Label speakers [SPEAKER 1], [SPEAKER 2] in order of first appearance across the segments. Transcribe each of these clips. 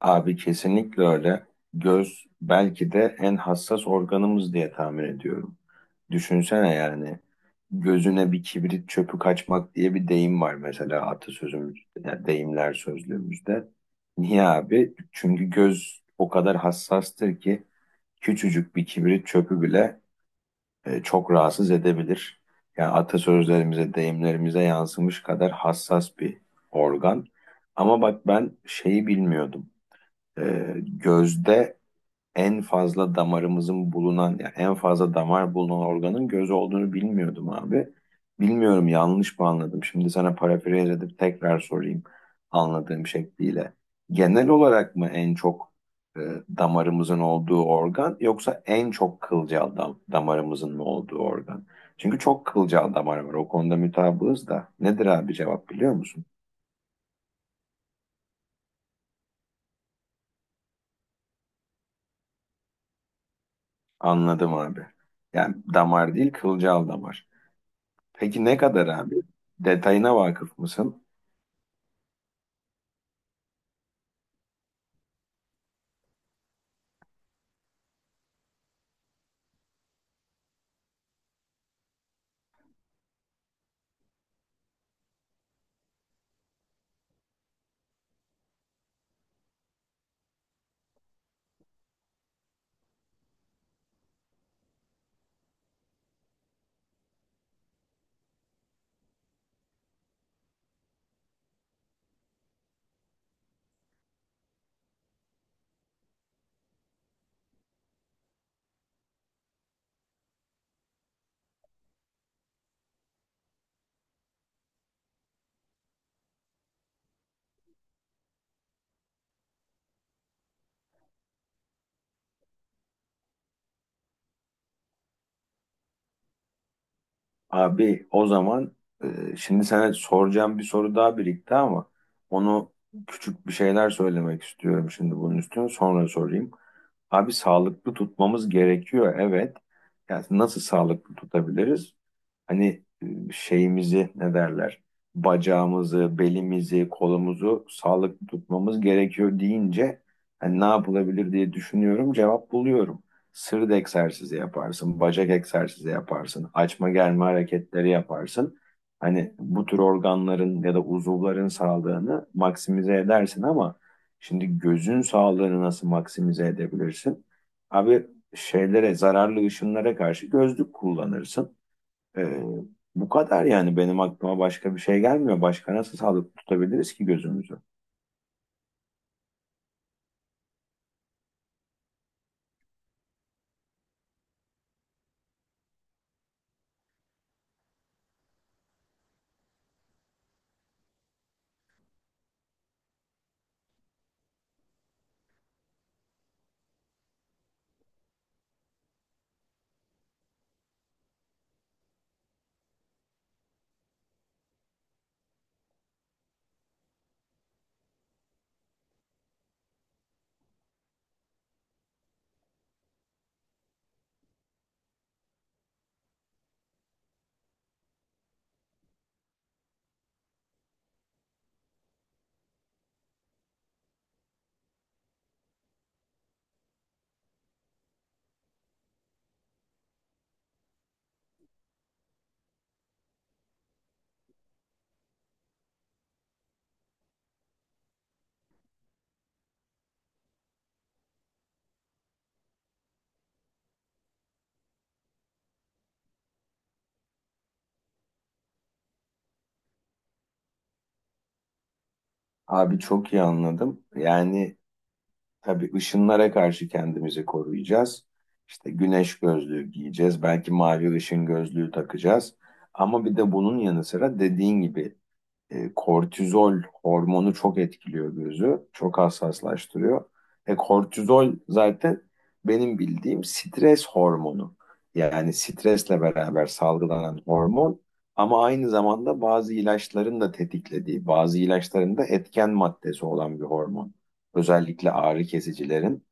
[SPEAKER 1] Abi kesinlikle öyle. Göz belki de en hassas organımız diye tahmin ediyorum. Düşünsene yani gözüne bir kibrit çöpü kaçmak diye bir deyim var mesela atasözümüzde, yani deyimler sözlüğümüzde. Niye abi? Çünkü göz o kadar hassastır ki küçücük bir kibrit çöpü bile çok rahatsız edebilir. Yani atasözlerimize, deyimlerimize yansımış kadar hassas bir organ. Ama bak ben şeyi bilmiyordum, gözde en fazla damarımızın bulunan yani en fazla damar bulunan organın göz olduğunu bilmiyordum abi. Bilmiyorum, yanlış mı anladım? Şimdi sana parafraze edip tekrar sorayım anladığım şekliyle. Genel olarak mı en çok e, damarımızın olduğu organ, yoksa en çok kılcal damarımızın mı olduğu organ? Çünkü çok kılcal damar var. O konuda mutabığız da. Nedir abi, cevap biliyor musun? Anladım abi. Yani damar değil, kılcal damar. Peki ne kadar abi? Detayına vakıf mısın? Abi o zaman, şimdi sana soracağım bir soru daha birikti ama onu küçük bir şeyler söylemek istiyorum şimdi bunun üstüne, sonra sorayım. Abi sağlıklı tutmamız gerekiyor, evet. Yani nasıl sağlıklı tutabiliriz? Hani şeyimizi, ne derler, bacağımızı, belimizi, kolumuzu sağlıklı tutmamız gerekiyor deyince hani ne yapılabilir diye düşünüyorum. Cevap buluyorum. Sırt egzersizi yaparsın, bacak egzersizi yaparsın, açma germe hareketleri yaparsın. Hani bu tür organların ya da uzuvların sağlığını maksimize edersin ama şimdi gözün sağlığını nasıl maksimize edebilirsin? Abi şeylere, zararlı ışınlara karşı gözlük kullanırsın. Ee, Bu kadar yani, benim aklıma başka bir şey gelmiyor. Başka nasıl sağlıklı tutabiliriz ki gözümüzü? Abi çok iyi anladım. Yani tabii ışınlara karşı kendimizi koruyacağız. İşte güneş gözlüğü giyeceğiz. Belki mavi ışın gözlüğü takacağız. Ama bir de bunun yanı sıra dediğin gibi, kortizol hormonu çok etkiliyor gözü. Çok hassaslaştırıyor. Kortizol zaten benim bildiğim stres hormonu. Yani stresle beraber salgılanan hormon ama aynı zamanda bazı ilaçların da tetiklediği, bazı ilaçların da etken maddesi olan bir hormon. Özellikle ağrı kesicilerin.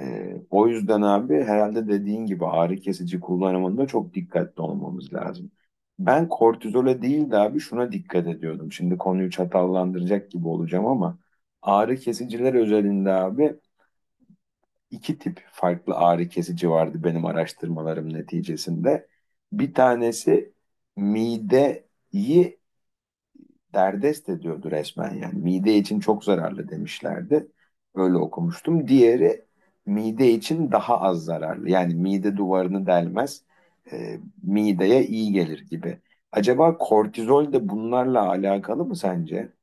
[SPEAKER 1] O yüzden abi, herhalde dediğin gibi ağrı kesici kullanımında çok dikkatli olmamız lazım. Ben kortizole değil de abi şuna dikkat ediyordum. Şimdi konuyu çatallandıracak gibi olacağım ama ağrı kesiciler özelinde abi, iki tip farklı ağrı kesici vardı benim araştırmalarım neticesinde. Bir tanesi mideyi derdest ediyordu resmen yani. Mide için çok zararlı demişlerdi. Öyle okumuştum. Diğeri mide için daha az zararlı. Yani mide duvarını delmez, mideye iyi gelir gibi. Acaba kortizol de bunlarla alakalı mı sence?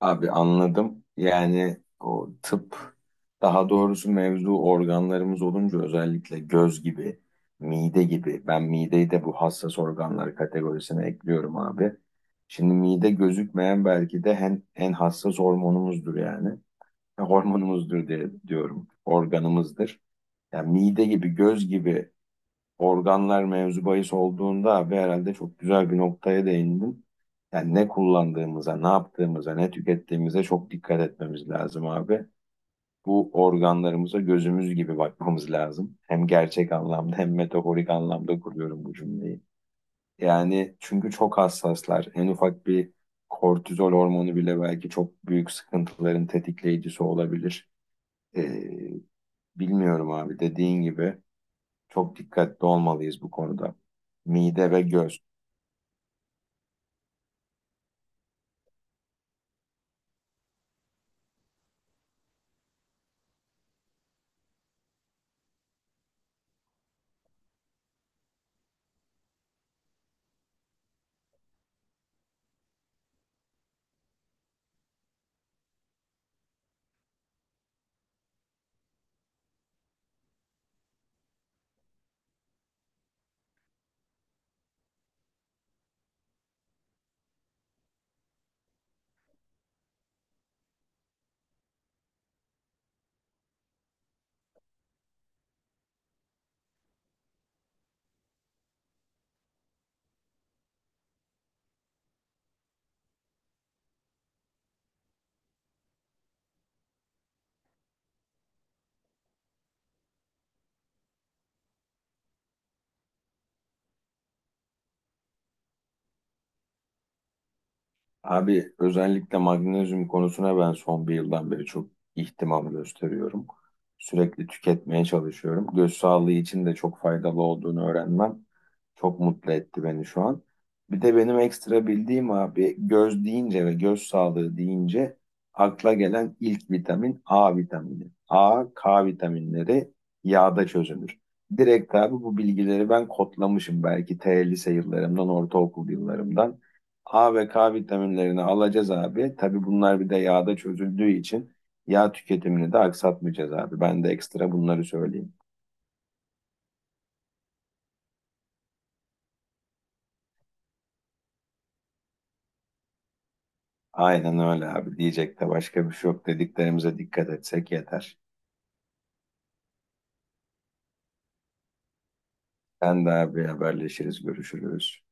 [SPEAKER 1] Abi anladım. Yani o tıp, daha doğrusu mevzu organlarımız olunca, özellikle göz gibi, mide gibi. Ben mideyi de bu hassas organlar kategorisine ekliyorum abi. Şimdi mide gözükmeyen belki de en hassas hormonumuzdur yani. Hormonumuzdur diye diyorum. Organımızdır. Yani mide gibi, göz gibi organlar mevzu bahis olduğunda abi, herhalde çok güzel bir noktaya değindim. Yani ne kullandığımıza, ne yaptığımıza, ne tükettiğimize çok dikkat etmemiz lazım abi. Bu organlarımıza gözümüz gibi bakmamız lazım. Hem gerçek anlamda hem metaforik anlamda kuruyorum bu cümleyi. Yani çünkü çok hassaslar. En ufak bir kortizol hormonu bile belki çok büyük sıkıntıların tetikleyicisi olabilir. Ee, Bilmiyorum abi, dediğin gibi. Çok dikkatli olmalıyız bu konuda. Mide ve göz. Abi özellikle magnezyum konusuna ben son bir yıldan beri çok ihtimam gösteriyorum. Sürekli tüketmeye çalışıyorum. Göz sağlığı için de çok faydalı olduğunu öğrenmem çok mutlu etti beni şu an. Bir de benim ekstra bildiğim abi, göz deyince ve göz sağlığı deyince akla gelen ilk vitamin A vitamini. A, K vitaminleri yağda çözünür. Direkt abi bu bilgileri ben kodlamışım belki T lise yıllarımdan, ortaokul yıllarımdan. A ve K vitaminlerini alacağız abi. Tabii bunlar bir de yağda çözüldüğü için yağ tüketimini de aksatmayacağız abi. Ben de ekstra bunları söyleyeyim. Aynen öyle abi. Diyecek de başka bir şey yok. Dediklerimize dikkat etsek yeter. Sen de abi, haberleşiriz, görüşürüz.